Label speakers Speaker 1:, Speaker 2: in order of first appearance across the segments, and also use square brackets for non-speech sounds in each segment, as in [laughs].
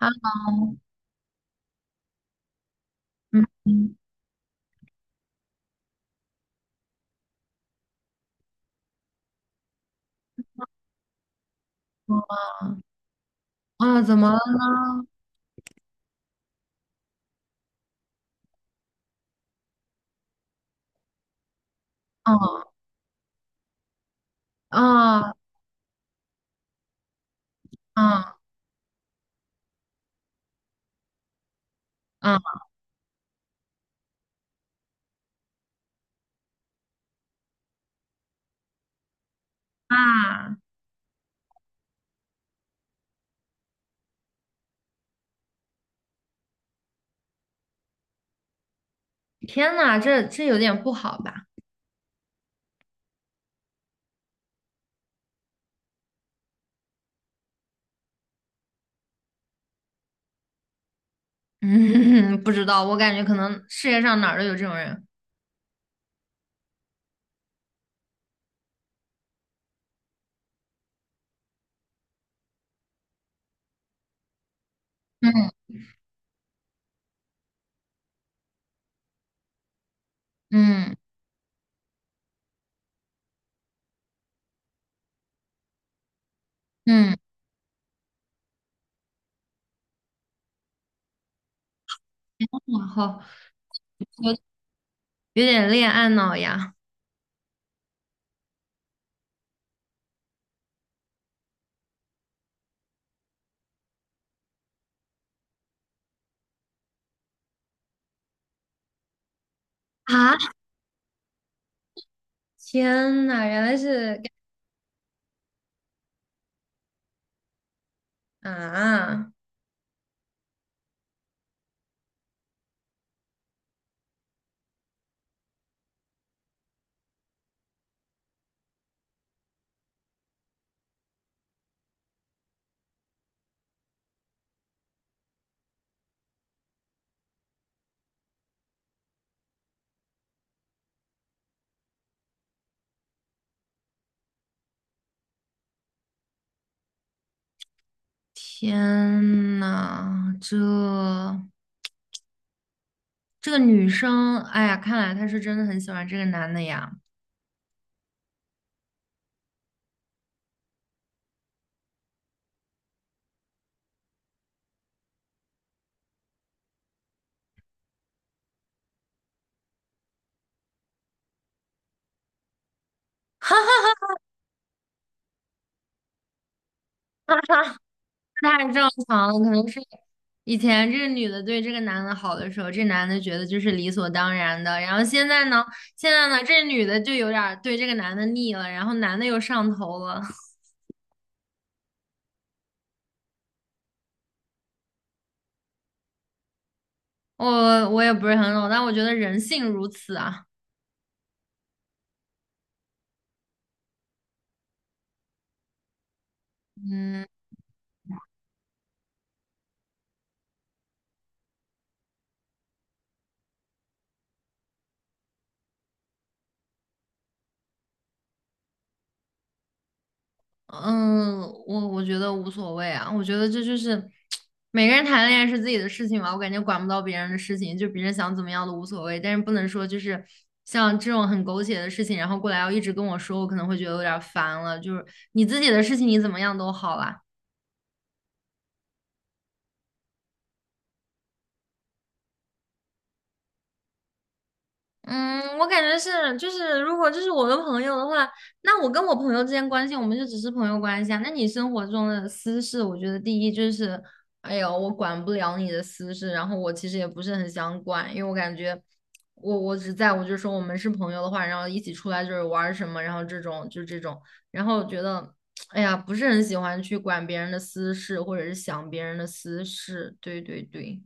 Speaker 1: Hello，嗯，我啊，怎么了呢？哦，哦，嗯嗯啊，天呐，这有点不好吧？嗯，[laughs] 不知道，我感觉可能世界上哪儿都有这种人。嗯嗯嗯，然后有有点恋爱脑呀。啊，天呐，原来是啊，天呐，这这个女生，哎呀，看来她是真的很喜欢这个男的呀。[laughs] 哈。太正常了，可能是以前这个女的对这个男的好的时候，这男的觉得就是理所当然的，然后现在呢，现在呢，这女的就有点儿对这个男的腻了，然后男的又上头了。[laughs] 我也不是很懂，但我觉得人性如此啊。嗯。嗯，我觉得无所谓啊，我觉得这就是每个人谈恋爱是自己的事情嘛，我感觉管不到别人的事情，就别人想怎么样都无所谓，但是不能说就是像这种很狗血的事情，然后过来要一直跟我说，我可能会觉得有点儿烦了。就是你自己的事情你怎么样都好啦，嗯，我感觉是，就是如果就是我的朋友的话，那我跟我朋友之间关系，我们就只是朋友关系啊。那你生活中的私事，我觉得第一就是，哎呦，我管不了你的私事，然后我其实也不是很想管，因为我感觉我只在乎就是说我们是朋友的话，然后一起出来就是玩儿什么，然后就这种，然后我觉得，哎呀，不是很喜欢去管别人的私事，或者是想别人的私事，对对对，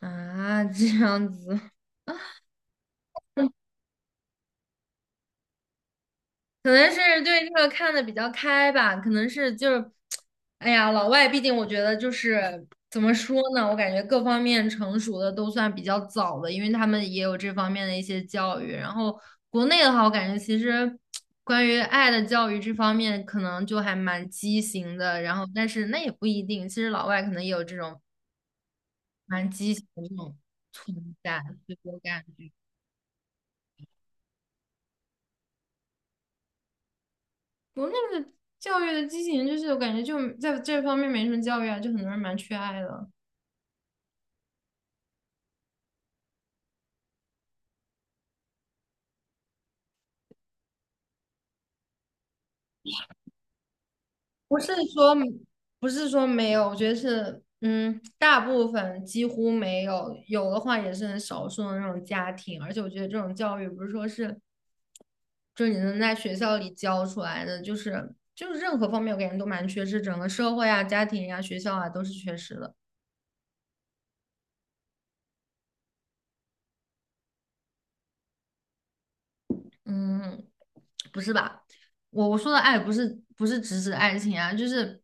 Speaker 1: 啊，这样子。可能是对这个看的比较开吧，可能是就是，哎呀，老外毕竟我觉得就是怎么说呢，我感觉各方面成熟的都算比较早的，因为他们也有这方面的一些教育。然后国内的话，我感觉其实关于爱的教育这方面可能就还蛮畸形的，然后但是那也不一定，其实老外可能也有这种蛮畸形的这种存在，对我感觉。我那个教育的畸形，就是我感觉就在这方面没什么教育啊，就很多人蛮缺爱的。不是说不是说没有，我觉得是嗯，大部分几乎没有，有的话也是很少数的那种家庭。而且我觉得这种教育不是说是就是你能在学校里教出来的，就是任何方面我感觉都蛮缺失，整个社会啊、家庭呀、学校啊都是缺失的。嗯，不是吧？我说的爱不是只指爱情啊，就是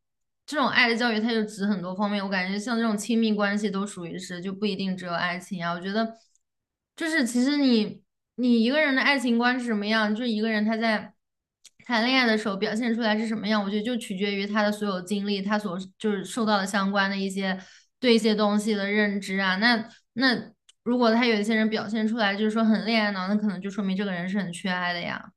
Speaker 1: 这种爱的教育，它就指很多方面。我感觉像这种亲密关系都属于是，就不一定只有爱情啊。我觉得就是其实你一个人的爱情观是什么样，就是一个人他在谈恋爱的时候表现出来是什么样，我觉得就取决于他的所有经历，他所就是受到的相关的一些对一些东西的认知啊。那如果他有一些人表现出来就是说很恋爱脑，那可能就说明这个人是很缺爱的呀。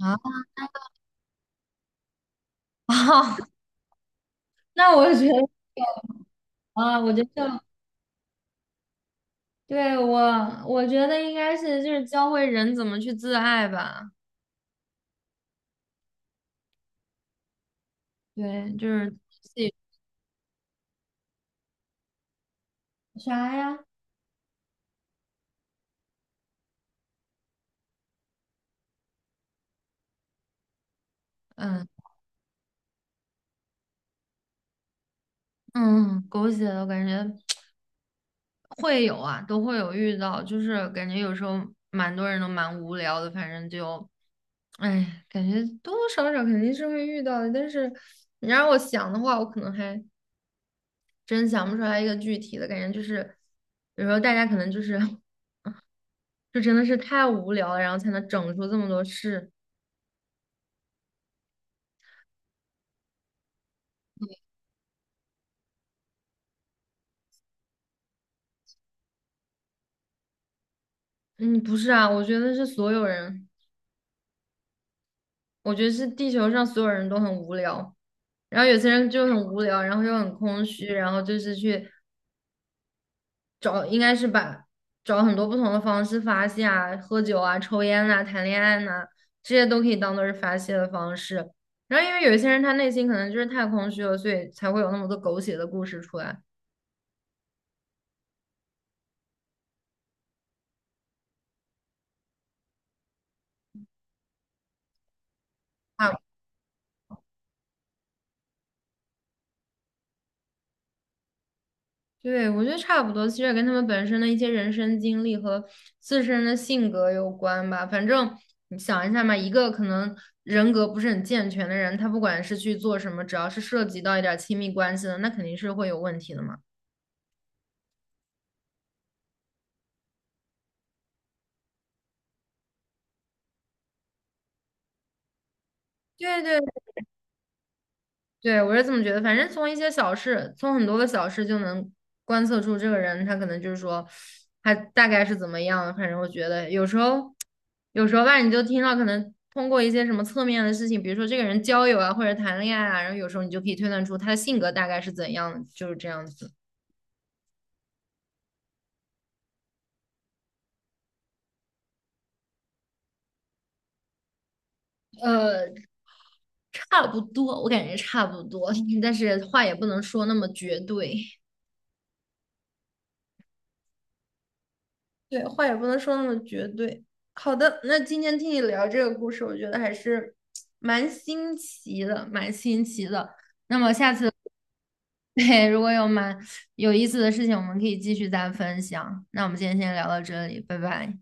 Speaker 1: 啊。[laughs] 那我觉得啊，我觉得对我，我觉得应该是就是教会人怎么去自爱吧。对，就是自己啥呀？嗯嗯，狗血的我感觉会有啊，都会有遇到，就是感觉有时候蛮多人都蛮无聊的，反正就哎，感觉多多少少肯定是会遇到的。但是你让我想的话，我可能还真想不出来一个具体的感觉，就是有时候大家可能就是 [laughs] 就真的是太无聊了，然后才能整出这么多事。嗯，不是啊，我觉得是所有人，我觉得是地球上所有人都很无聊，然后有些人就很无聊，然后又很空虚，然后就是去找，应该是把找很多不同的方式发泄啊，喝酒啊、抽烟呐、谈恋爱呐、这些都可以当做是发泄的方式。然后因为有一些人他内心可能就是太空虚了，所以才会有那么多狗血的故事出来。对，我觉得差不多，其实也跟他们本身的一些人生经历和自身的性格有关吧。反正你想一下嘛，一个可能人格不是很健全的人，他不管是去做什么，只要是涉及到一点儿亲密关系的，那肯定是会有问题的嘛。对对对，我是这么觉得，反正从一些小事，从很多个小事就能观测出这个人，他可能就是说，他大概是怎么样的反正我觉得有时候，有时候吧，你就听到可能通过一些什么侧面的事情，比如说这个人交友啊，或者谈恋爱啊，然后有时候你就可以推断出他的性格大概是怎样的，就是这样子。呃，差不多，我感觉差不多，[laughs] 但是话也不能说那么绝对。对，话也不能说那么绝对。好的，那今天听你聊这个故事，我觉得还是蛮新奇的，蛮新奇的。那么下次，[laughs] 对，如果有蛮有意思的事情，我们可以继续再分享。那我们今天先聊到这里，拜拜。